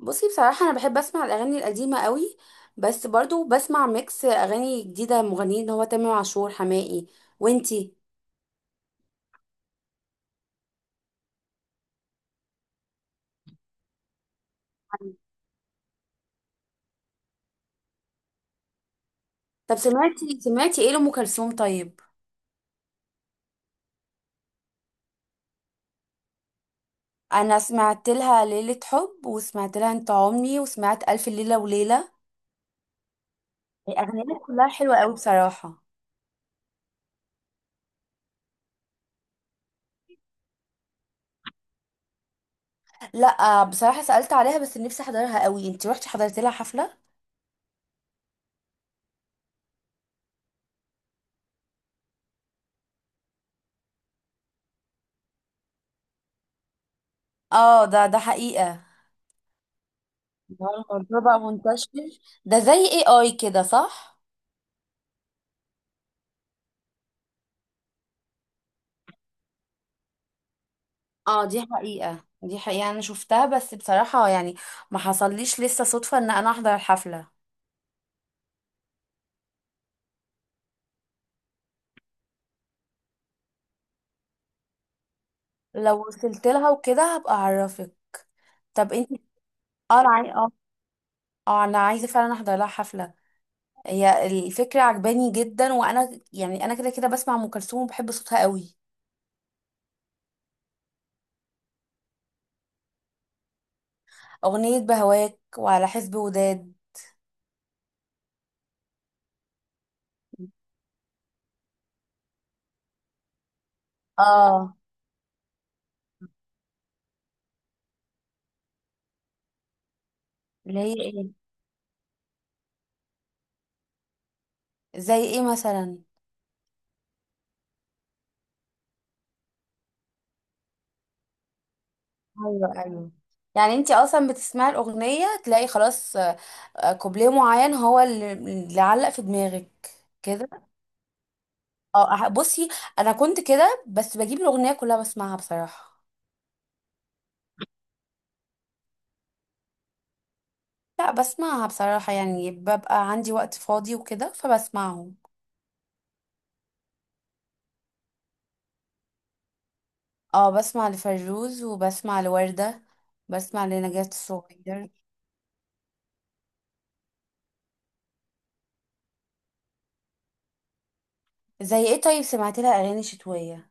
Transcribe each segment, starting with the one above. بصي، بصراحة أنا بحب أسمع الأغاني القديمة قوي. بس برضو بسمع ميكس أغاني جديدة مغنيين، اللي هو تامر عاشور، حماقي. وانتي؟ طب سمعتي ايه لأم كلثوم طيب؟ أنا سمعت لها ليلة حب، وسمعت لها انت عمري، وسمعت ألف ليلة وليلة. أغانيها كلها حلوة قوي بصراحة. لا. آه، بصراحة سألت عليها بس نفسي أحضرها قوي. انتي روحتي حضرت لها حفلة؟ اه، ده حقيقة. ده الموضوع بقى منتشر. ده زي اي كده، صح؟ اه دي حقيقة، دي حقيقة، انا شفتها بس بصراحة يعني ما حصليش لسه صدفة ان انا احضر الحفلة. لو وصلت لها وكده هبقى اعرفك. طب انت؟ اه انا عاي- اه اه انا عايزة فعلا احضر لها حفلة. هي الفكرة عجباني جدا، وانا يعني انا كده كده بسمع ام كلثوم وبحب صوتها قوي. اغنية بهواك، وعلى حسب وداد. اه، اللي هي ايه؟ زي ايه مثلا؟ ايوه ايوه، يعني انت اصلا بتسمعي الاغنية تلاقي خلاص آه، كوبليه معين هو اللي علق في دماغك كده. بصي، انا كنت كده بس بجيب الاغنيه كلها بسمعها بصراحه. لا بسمعها بصراحه، يعني ببقى عندي وقت فاضي وكده فبسمعهم. اه بسمع لفيروز، وبسمع لوردة، بسمع لنجاة الصغير. زي ايه طيب؟ سمعت لها اغاني شتويه؟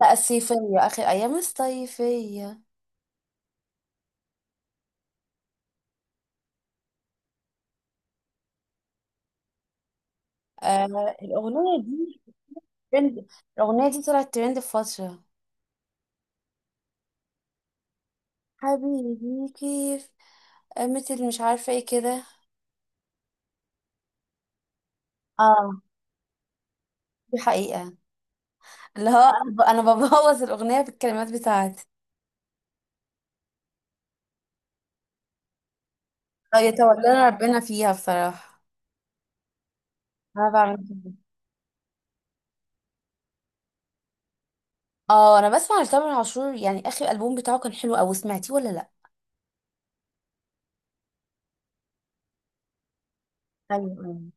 لا الصيفيه، اخر ايام الصيفيه. آه الاغنيه دي ترند، الاغنيه دي طلعت ترند في فتره. حبيبي كيف قامت، اللي مش عارفة ايه كده. اه دي حقيقة. اللي هو أنا ببوظ الأغنية بالكلمات بتاعتي. اه يتولى ربنا فيها بصراحة. انا بعمل كده. اه انا بسمع لتامر عاشور، يعني اخر ألبوم بتاعه كان حلو اوي. سمعتيه ولا لا؟ ايوه ايوه.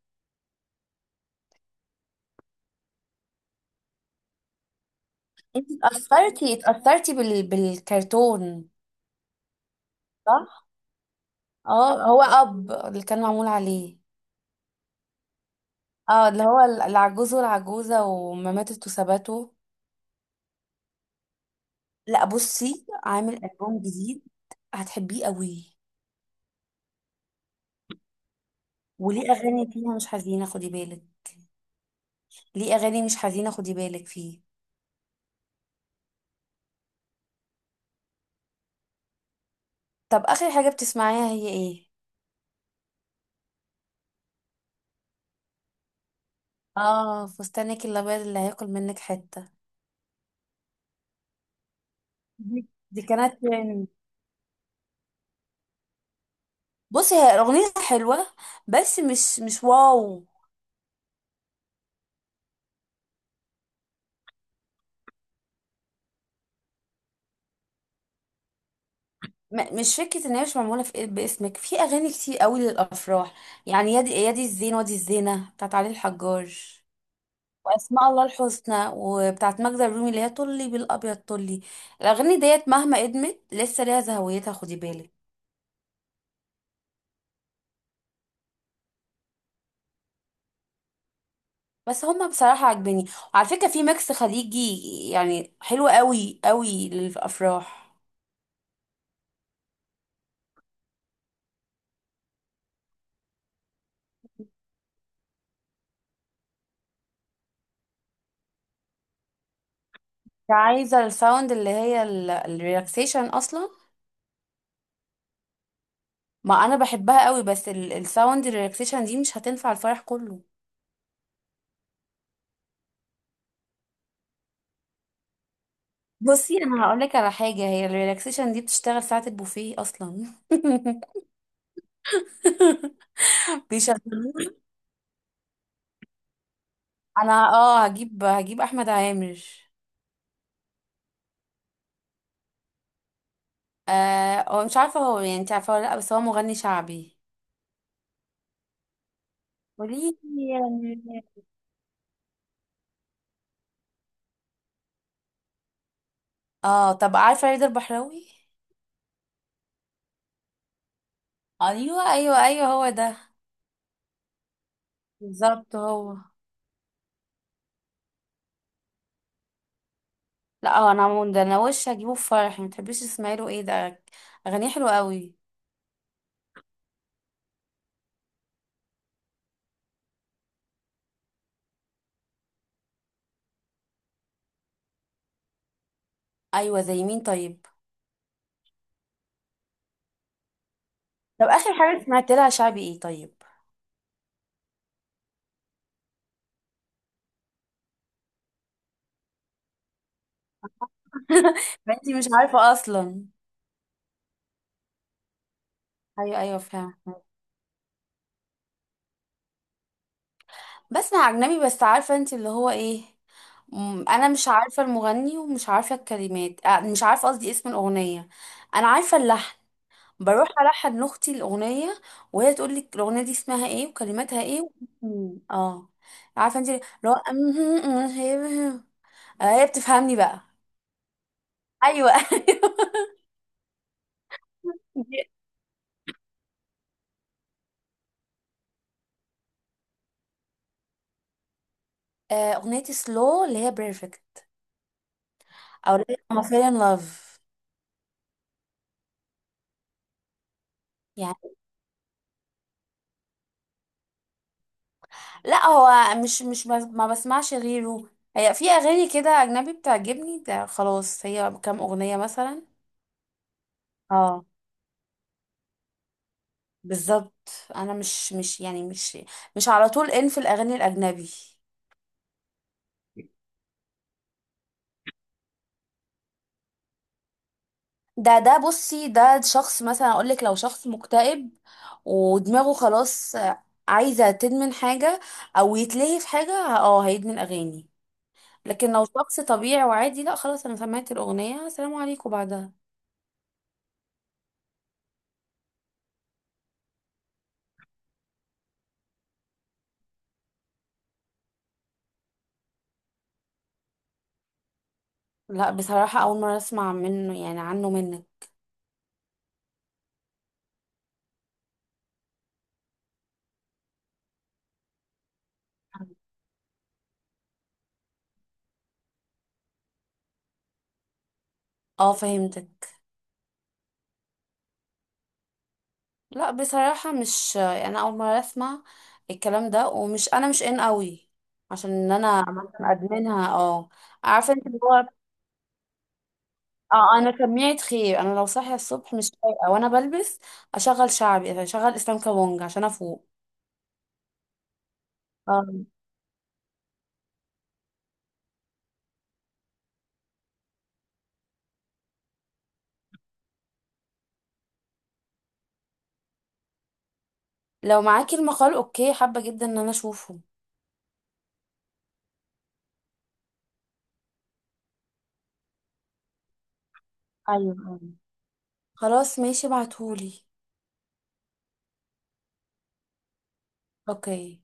انت اتأثرتي بالكرتون؟ صح. اه هو اب اللي كان معمول عليه. اه اللي هو العجوز والعجوزة، وما ماتت وثباتوا. لا بصي، عامل ألبوم جديد. هتحبيه قوي. وليه اغاني فيها مش حزينه خدي بالك، ليه اغاني مش حزينه خدي بالك فيه. طب اخر حاجه بتسمعيها هي ايه؟ اه فستانك الابيض، اللي هياكل منك حته. دي كانت ترند. بصي هي اغنيه حلوه، بس مش واو. مش فكره ان هي مش معموله في إيه، باسمك في اغاني كتير قوي للافراح. يعني يادي يادي الزين وادي الزينه بتاعت علي الحجار، واسماء الله الحسنى وبتاعت ماجدة الرومي اللي هي طلي بالابيض طلي. الاغاني ديت مهما قدمت لسه ليها زهويتها خدي بالك. بس هما بصراحة عاجبني. وعلى فكرة، في ميكس خليجي يعني حلو قوي قوي للأفراح. عايزة الساوند اللي هي الريلاكسيشن أصلا. ما أنا بحبها قوي، بس الساوند الريلاكسيشن دي مش هتنفع الفرح كله. بصي أنا هقولك على حاجة، هي الريلاكسيشن دي بتشتغل ساعة البوفيه أصلا بيشغلوه. أنا اه هجيب أحمد عامر. آه هو مش عارفة هو، يعني انت عارفة ولا لأ، بس هو مغني شعبي. قوليلي يعني. اه، طب عارفة رضا البحراوي؟ ايوه ايوه ايوه، هو ده. بالظبط هو. لا اه انا عمون ده انا وش هجيبه في فرحي. ما تحبيش تسمعي له؟ ايه ده، اغانيه حلوه قوي. ايوه زي مين طيب؟ طب اخر حاجه سمعت لها شعبي ايه طيب؟ ما انتي مش عارفه اصلا. ايوه ايوه فاهمة. بسمع اجنبي، بس عارفه انتي اللي هو ايه، مم، انا مش عارفه المغني ومش عارفه الكلمات آه، مش عارفه قصدي اسم الاغنيه. انا عارفه اللحن، بروح ألحن لأختي الأغنية، وهي تقول لي الأغنية دي اسمها ايه وكلماتها ايه مم. اه. عارفة انت، لو هي بتفهمني بقى. أيوة. دي- آه، أغنية سلو اللي هي بيرفكت. أو اللي هي I'm fell in love يعني. لا هو مش ما بسمعش غيره. هي في أغاني كده أجنبي بتعجبني، ده خلاص هي كام أغنية مثلا. اه. بالظبط. أنا مش يعني مش على طول إن في الأغاني الأجنبي. ده بصي، ده شخص مثلا اقول لك، لو شخص مكتئب ودماغه خلاص، عايزة تدمن حاجة او يتلهي في حاجة، اه هيدمن اغاني. لكن لو شخص طبيعي وعادي لا خلاص، انا سمعت الاغنية السلام عليكم بعدها. لا بصراحة اول مرة اسمع منه، يعني عنه منك. اه فهمتك. لا بصراحة مش انا اول مرة اسمع الكلام ده، ومش انا مش ان قوي عشان ان انا مثلا ادمنها اه. عارفه انت اللي هو، اه انا سميت خير، انا لو صاحيه الصبح مش فايقه وانا بلبس اشغل شعبي، يعني اشغل اسلام كابونج عشان افوق. اه، لو معاكي المقال اوكي، حابه جدا ان انا اشوفه. ايوه ايوه خلاص ماشي، ابعتهولي. اوكي.